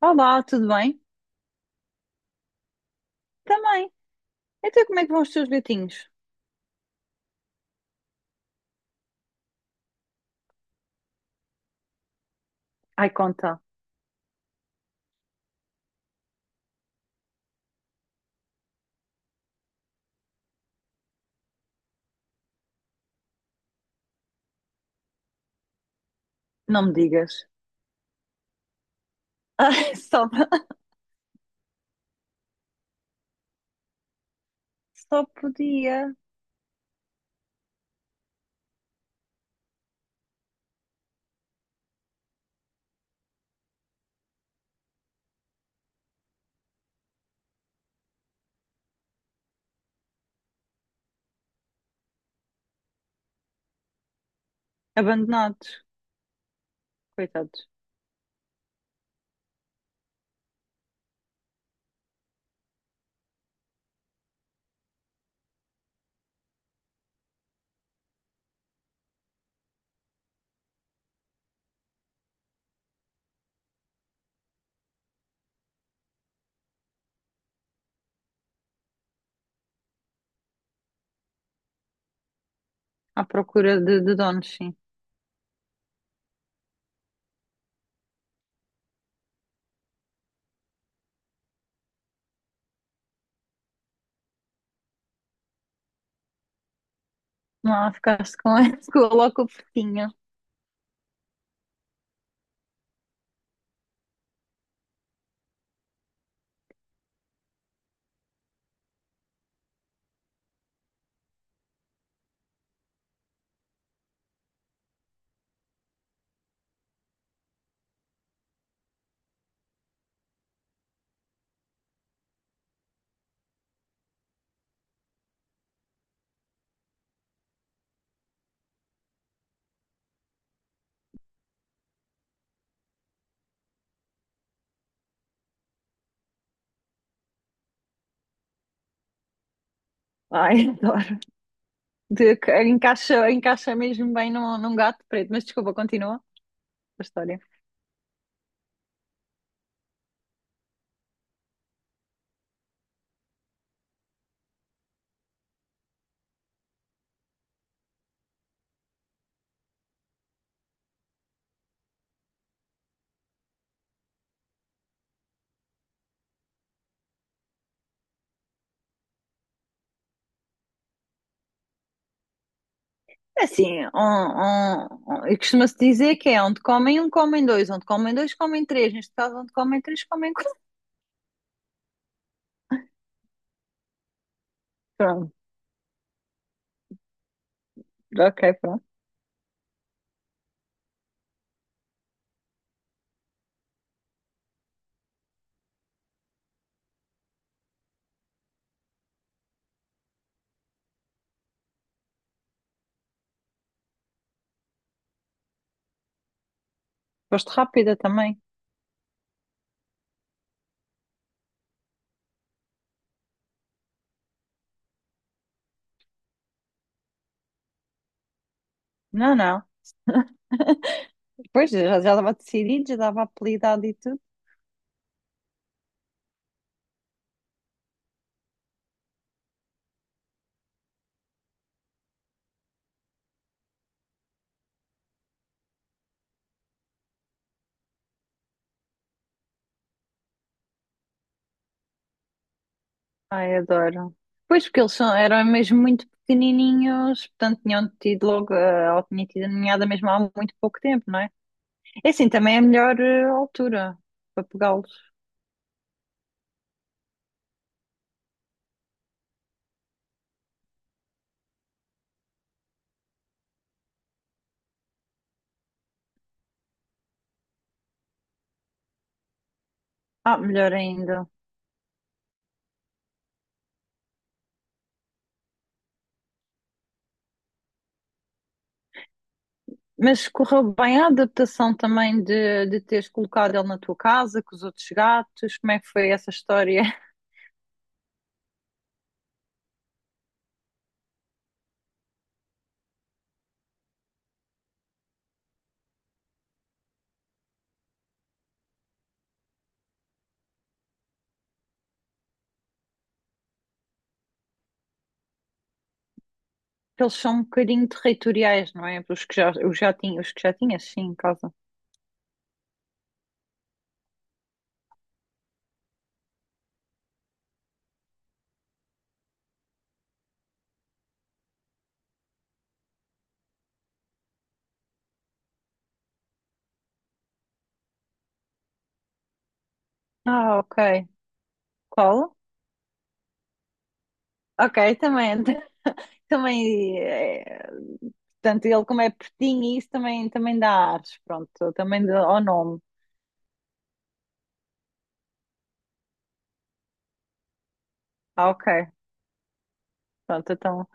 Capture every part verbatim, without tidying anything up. Olá, tudo bem? Também. Então, como é que vão os teus gatinhos? Ai, conta. Não me digas. Ai, só, só podia. Abandonados, coitados. À procura de, de donos, sim. Não, ficaste com esse, coloca o fofinho. Ai, adoro. De- encaixa, encaixa mesmo bem num, num gato preto. Mas desculpa, continua a história. É assim, um, um, um- e costuma-se dizer que é onde comem um, comem dois, onde comem dois, comem três. Neste caso, onde comem três, comem quatro. Pronto, ok, pronto. Foste rápida também. Não, não. Pois, já, já estava decidido, já dava apelidado e tudo. Ai, adoro. Pois, porque eles são, eram mesmo muito pequenininhos, portanto tinham tido logo, eh, ou tinha tido a ninhada mesmo há muito pouco tempo, não é? É assim, também é a melhor eh, altura para pegá-los. Ah, melhor ainda. Mas correu bem a adaptação também de, de teres colocado ele na tua casa, com os outros gatos? Como é que foi essa história? Eles são um bocadinho territoriais, não é? Os que já, os já tinha, os que já tinhas, sim, em casa. Ah, ok. Qual? Ok, também, também, é, portanto, ele como é pertinho, e isso também, também dá ares, pronto, também dá ao nome. Ah, ok, pronto, então,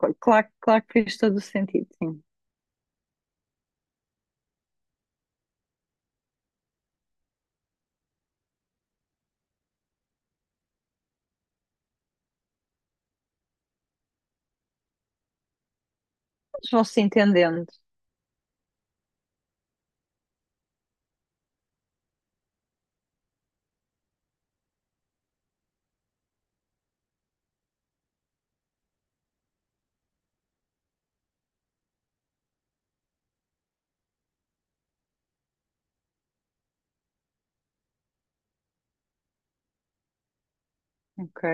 cl- claro, claro que fez todo o sentido, sim. Eles vão se entendendo, ok.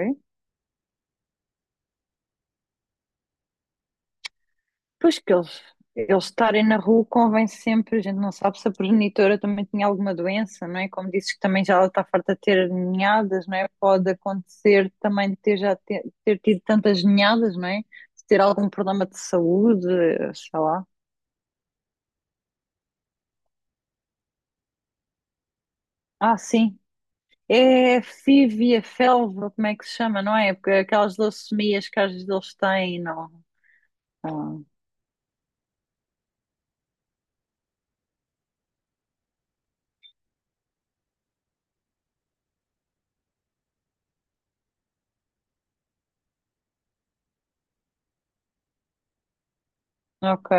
Pois que eles, eles estarem na rua convém sempre, a gente não sabe se a progenitora também tinha alguma doença, não é? Como dizes que também já ela está farta de ter ninhadas, não é? Pode acontecer também de ter já ter, ter tido tantas ninhadas, não é? De ter algum problema de saúde, sei lá. Ah, sim. É fívia, felva, como é que se chama, não é? Porque aquelas leucemias que às vezes eles têm, não. Ah, ok.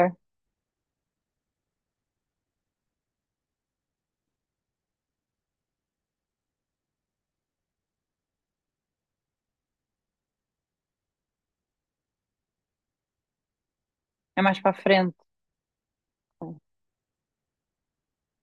É mais para a frente.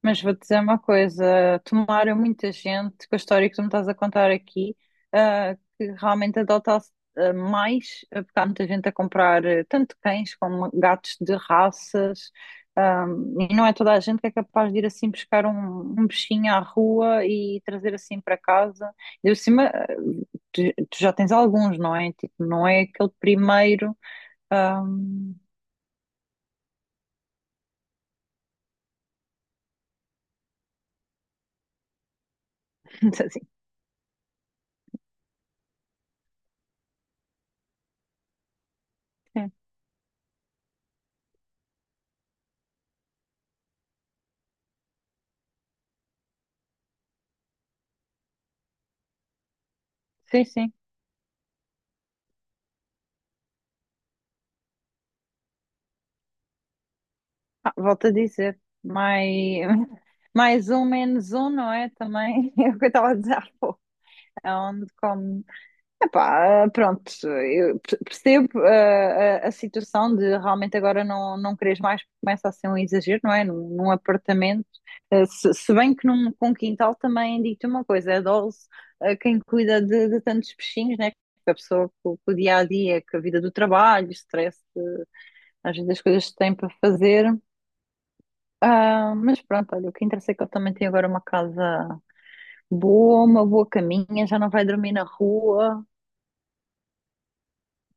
Mas vou dizer uma coisa, tomaram muita gente com a história que tu me estás a contar aqui, ah, que realmente adota-se ah, mais, ah, porque há muita gente a comprar ah, tanto cães como gatos de raças, ah, e não é toda a gente que é capaz de ir assim buscar um, um bichinho à rua e trazer assim para casa. E por cima, ah, tu, tu já tens alguns, não é? Tipo, não é aquele primeiro. ah, assim, sim, sim. Sim. Ah, volto a dizer. Mas mais um, menos um, não é? Também é o que eu estava a dizer há pouco. É onde come. Epá, pronto, eu per- percebo ah, a, a situação de realmente agora não, não queres mais, porque começa a ser um exagero, não é? Num, num apartamento. Ah, se, se bem que num, com quintal também digo-te uma coisa: é dose ah, quem cuida de, de tantos peixinhos, né? Porque a pessoa com, com o dia a dia, com a vida do trabalho, o stress, eh, às vezes as coisas que tem para fazer. Ah, mas pronto, olha, o que interessa é que eu também tenho agora uma casa boa, uma boa caminha, já não vai dormir na rua,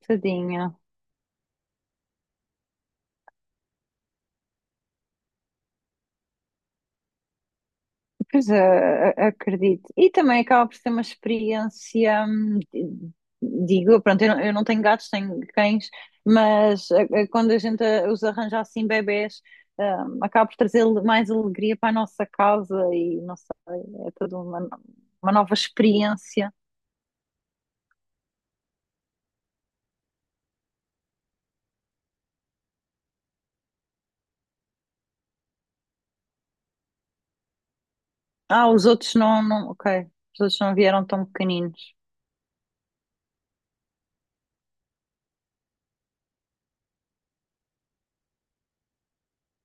tadinha. Pois é, a- acredito. E também acaba por ser uma experiência, hum, digo, pronto, eu não, eu não tenho gatos, tenho cães, mas eh, eh, quando a gente eh, os arranja assim, bebés, hum, acaba por trazer le- mais alegria para a nossa casa e não sei, é toda uma, no- uma nova experiência. Ah, os outros não, não, ok. Os outros não vieram tão pequeninos.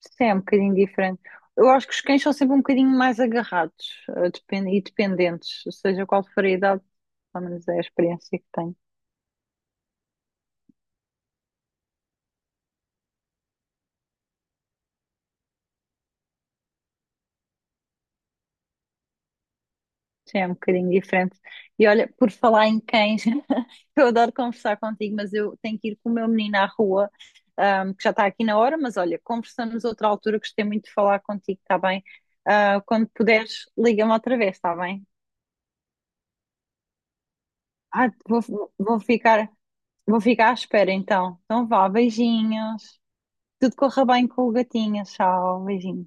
Isso é um bocadinho diferente. Eu acho que os cães são sempre um bocadinho mais agarrados, eh, depen- e dependentes, seja qual for a idade, pelo menos é a experiência que tenho. Sim, é um bocadinho diferente. E olha, por falar em cães, eu adoro conversar contigo, mas eu tenho que ir com o meu menino à rua, ahm, que já está aqui na hora, mas olha, conversamos outra altura, gostei muito de falar contigo, está bem? Ah, quando puderes, liga-me outra vez, está bem? Ah, vou, vou ficar. Vou ficar à espera então. Então vá, beijinhos. Tudo corra bem com o gatinho. Tchau, beijinhos.